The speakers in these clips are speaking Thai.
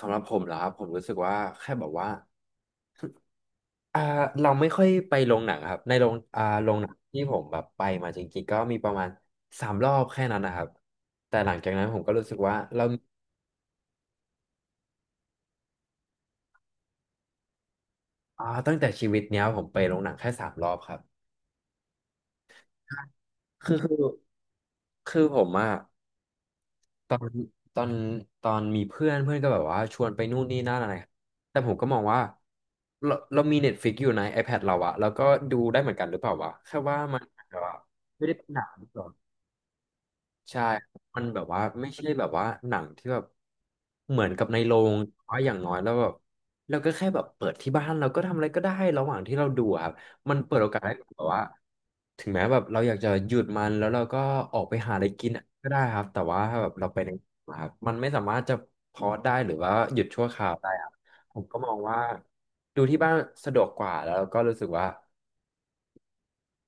สำหรับผมเหรอครับผมรู้สึกว่าแค่แบบว่าอ่าเราไม่ค่อยไปโรงหนังครับในโรงหนังที่ผมแบบไปมาจริงๆก็มีประมาณสามรอบแค่นั้นนะครับแต่หลังจากนั้นผมก็รู้สึกว่าเราอ่าตั้งแต่ชีวิตเนี้ยผมไปโรงหนังแค่สามรอบครับคือคือคือผมอะ ตอนตอนตอนมีเพื่อนเพื่อนก็แบบว่าชวนไปนู่นนี่นั่นอะไรแต่ผมก็มองว่าเรามีเน็ตฟิกอยู่ใน iPad เราอะแล้วก็ดูได้เหมือนกันหรือเปล่าวะแค่ว่ามันแบบว่าไม่ได้เป็นหนัง ใช่มันแบบว่าไม่ใช่แบบว่าหนังที่แบบเหมือนกับในโรงแต่ว่าอย่างน้อยแล้วแบบเราก็แค่แบบเปิดที่บ้านเราก็ทำอะไรก็ได้ระหว่างที่เราดูอะครับมันเปิดโอกาสให้แบบว่าถึงแม้แบบเราอยากจะหยุดมันแล้วเราก็ออกไปหาอะไรกินก็ได้ครับแต่ว่าถ้าแบบเราไปในครับมันไม่สามารถจะพอได้หรือว่าหยุดชั่วคราวได้ครับผมก็มองว่าดูที่บ้านสะดวกกว่าแล้วก็รู้สึกว่า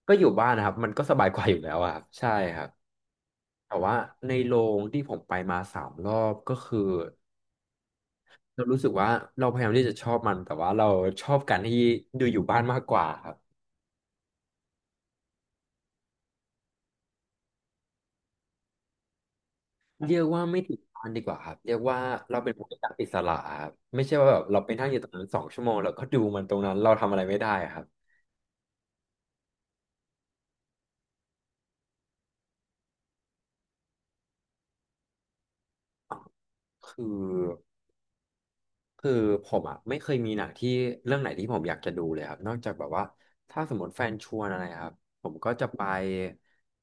ก็อยู่บ้านนะครับมันก็สบายกว่าอยู่แล้วอะครับใช่ครับ แต่ว่าในโรงที่ผมไปมาสามรอบก็คือเรารู้สึกว่าเราพยายามที่จะชอบมันแต่ว่าเราชอบการที่ดูอยู่บ้านมากกว่าครับเรียกว่าไม่ติดบ้านดีกว่าครับเรียกว่าเราเป็นผู้จัดอิสระครับไม่ใช่ว่าแบบเราไปนั่งอยู่ตรงนั้นสองชั่วโมงแล้วก็ดูมันตรงนั้นเราทำอะไรไม่ได้ครับคือ คือผมอ่ะไม่เคยมีหนังที่เรื่องไหนที่ผมอยากจะดูเลยครับนอกจากแบบว่าถ้าสมมติแฟนชวนอะไรครับผมก็จะไป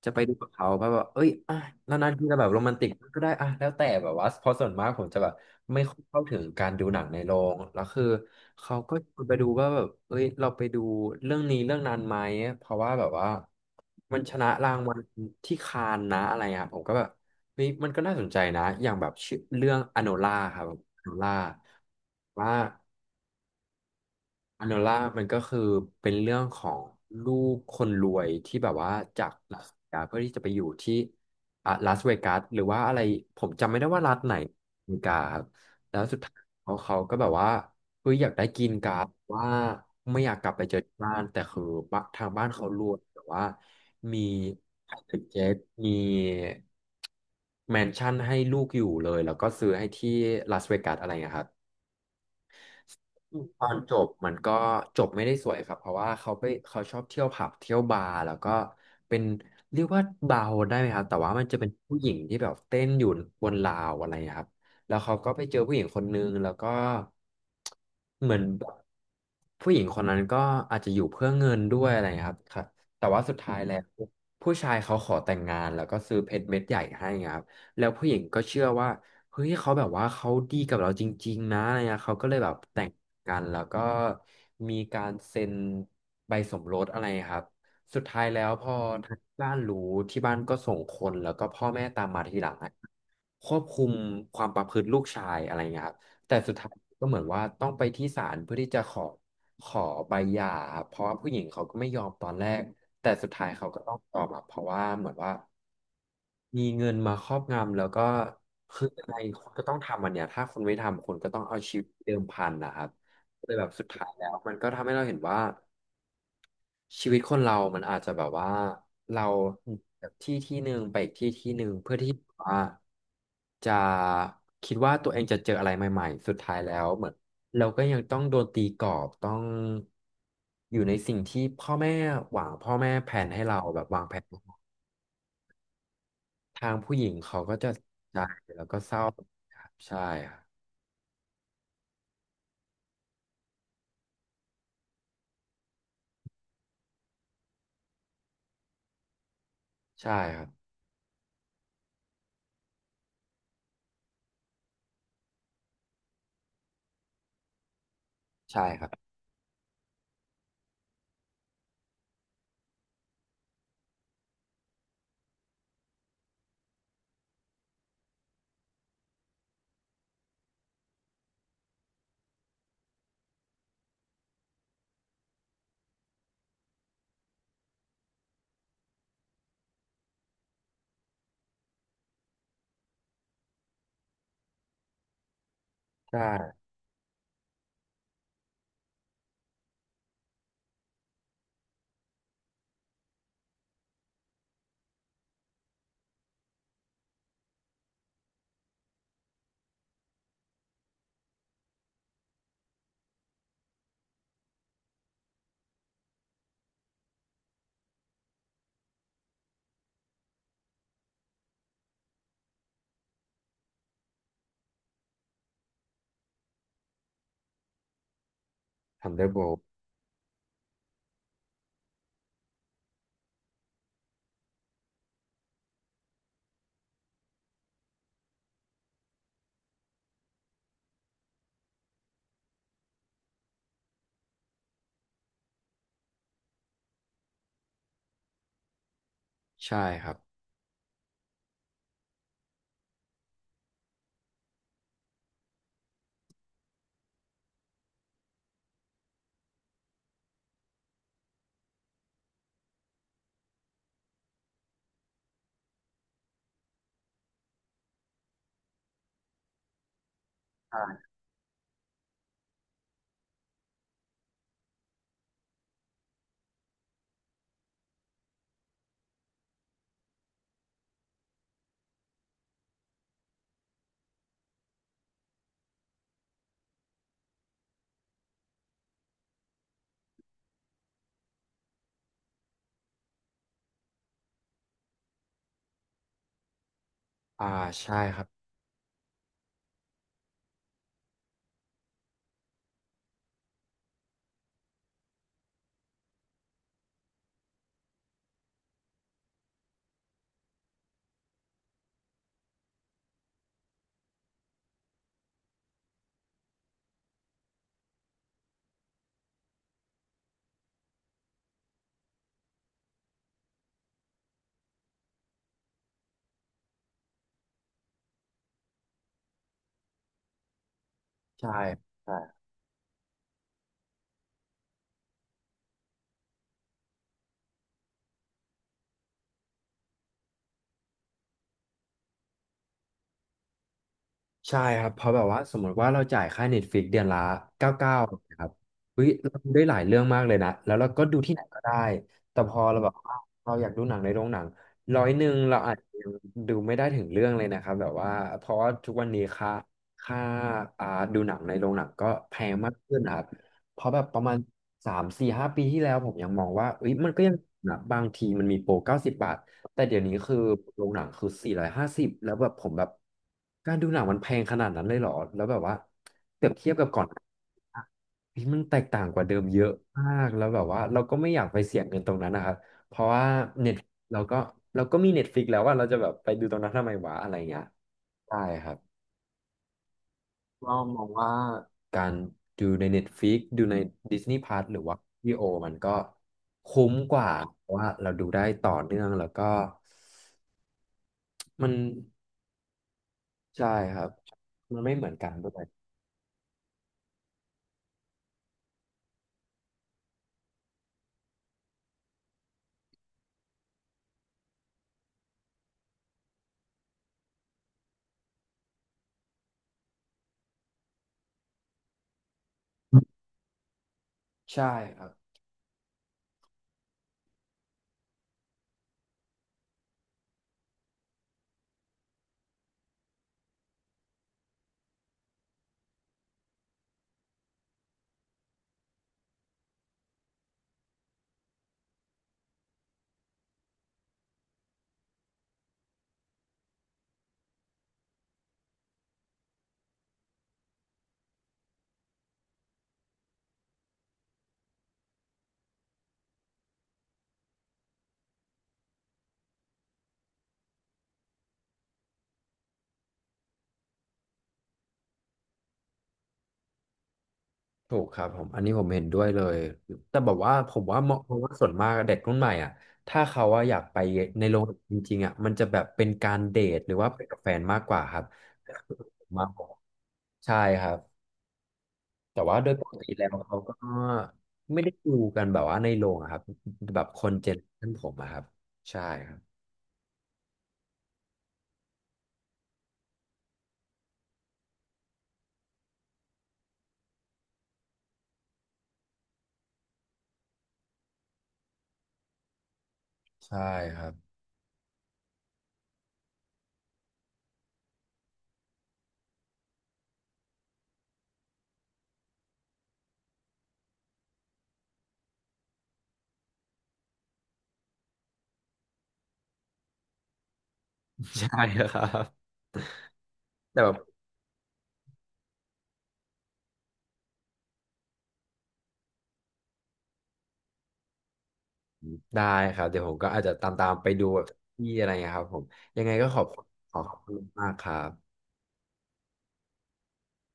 จะไปดูกับเขาแบบว่าเอ้ยอ่ะนานๆทีจะแบบโรแมนติกก็ได้อ่ะแล้วแต่แบบว่าเพราะส่วนมากผมจะแบบไม่ค่อยเข้าถึงการดูหนังในโรงแล้วคือเขาก็ชวนไปดูว่าแบบเอ้ยเราไปดูเรื่องนี้เรื่องนั้นไหมเพราะว่าแบบว่ามันชนะรางวัลที่คานนะอะไรอ่ะผมก็แบบ เฮ้ยมันก็น่าสนใจนะอย่างแบบชื่อเรื่องอโนล่าครับอโนล่าว่า อันโนล่ามันก็คือเป็นเรื่องของลูกคนรวยที่แบบว่าจากลาสเวกัสเพื่อที่จะไปอยู่ที่อ่ะลาสเวกัสหรือว่าอะไรผมจำไม่ได้ว่ารัฐไหนอเมริกาครับแล้วสุดท้ายเขาก็แบบว่าเฮ้ยอยากได้กินการ์ดว่าไม่อยากกลับไปเจอที่บ้านแต่คือบ้านทางบ้านเขารวยแต่ว่ามีไฮเทคเจ็ตมีแมนชั่นให้ลูกอยู่เลยแล้วก็ซื้อให้ที่ลาสเวกัสอะไรอย่างเงี้ยครับ ตอนจบมันก็จบไม่ได้สวยครับเพราะว่าเขาไปเขาชอบเที่ยวผับเที่ยวบาร์แล้วก็เป็นเรียกว่าบาร์โฮสได้ไหมครับแต่ว่ามันจะเป็นผู้หญิงที่แบบเต้นอยู่บนราวอะไรครับแล้วเขาก็ไปเจอผู้หญิงคนนึงแล้วก็เหมือนแบบผู้หญิงคนนั้นก็อาจจะอยู่เพื่อเงินด้วยอะไรครับแต่ว่าสุดท้ายแล้วผู้ชายเขาขอแต่งงานแล้วก็ซื้อเพชรเม็ดใหญ่ให้ครับแล้วผู้หญิงก็เชื่อว่า เฮ้ยเขาแบบว่าเขาดีกับเราจริงๆนะอะไรเงี้ยเขาก็เลยแบบแต่งกันแล้วก็มีการเซ็นใบสมรสอะไรครับสุดท้ายแล้วพอทางบ้านรู้ที่บ้านก็ส่งคนแล้วก็พ่อแม่ตามมาทีหลังอะควบคุมความประพฤติลูกชายอะไรเงี้ยครับแต่สุดท้ายก็เหมือนว่าต้องไปที่ศาลเพื่อที่จะขอใบหย่าครับเพราะว่าผู้หญิงเขาก็ไม่ยอมตอนแรกแต่สุดท้ายเขาก็ต้องยอมอะเพราะว่าเหมือนว่า มีเงินมาครอบงำแล้วก็คืออะไรคุณก็ต้องทำอันเนี้ยถ้าคุณไม่ทำคุณก็ต้องเอาชีวิตเดิมพันนะครับเลยแบบสุดท้ายแล้วมันก็ทำให้เราเห็นว่าชีวิตคนเรามันอาจจะแบบว่าเราจากที่ที่หนึ่งไปอีกที่ที่หนึ่งเพื่อที่ว่าจะคิดว่าตัวเองจะเจออะไรใหม่ๆสุดท้ายแล้วเหมือนเราก็ยังต้องโดนตีกรอบต้องอยู่ในสิ่งที่พ่อแม่หวังพ่อแม่แผนให้เราแบบวางแผน ทางผู้หญิงเขาก็จะใจแล้วก็เศร้าครับใช่ครับใช่ครับใช่ครับใช่ Thunderbolt ใช่ครับอ่าใช่ครับใช่ใช่ ใช่ครับเพราะแบบว่าสมมติว่าเราจ่ายค่า Netflix เดือนละ99ครับเฮ้ยเราดูได้หลายเรื่องมากเลยนะแล้วเราก็ดูที่ไหนก็ได้แต่พอเราแบบว่าเราอยากดูหนังในโรงหนัง101เราอาจจะยังดูไม่ได้ถึงเรื่องเลยนะครับแบบว่าเพราะว่าทุกวันนี้ค่าอ่าดูหนังในโรงหนังก็แพงมากขึ้นนะครับเพราะแบบประมาณ3 4 5 ปีที่แล้วผมยังมองว่าเอ้ยมันก็ยังนะบางทีมันมีโปร90 บาท แต่เดี๋ยวนี้คือโรงหนังคือ450แล้วแบบผมแบบการดูหนังมันแพงขนาดนั้นเลยเหรอแล้วแบบว่าเปรียบเทียบกับก่อนอะเฮ้ยมันแตกต่างกว่าเดิมเยอะมากแล้วแบบว่าเราก็ไม่อยากไปเสี่ยงเงินตรงนั้นนะครับเพราะว่าเน็ตเราก็เราก็มีเน็ตฟิกแล้วว่าเราจะแบบไปดูตรงนั้นทำไมวะอะไรเงี้ยใช่ครับก็มองว่าการดูใน Netflix ดูใน Disney Plus หรือว่าวิโอมันก็คุ้มกว่าเพราะว่าเราดูได้ต่อเนื่องแล้วก็มัน ใช่ครับมันไม่เหมือนกันด้วยใช่ครับถูกครับผมอันนี้ผมเห็นด้วยเลยแต่แบบว่าผมว่ามองว่าส่วนมากเด็กรุ่นใหม่อ่ะถ้าเขาว่าอะอยากไปในโรงจริงๆอ่ะมันจะแบบเป็นการเดทหรือว่าไปกับแฟนมากกว่าครับมากกว่าใช่ครับแต่ว่าโดยปกติแล้วเขาก็ไม่ได้ดูกันแบบว่าในโรงอะครับแบบคนเจนท่านผมอะครับใช่ครับใช่ครับใช่ครับ แต่แบบ ได้ครับเดี๋ยวผมก็อาจจะตามๆไปดูแบบที่อะไรเงี้ยครับผมยังไงก็ขอบคุณมากครับ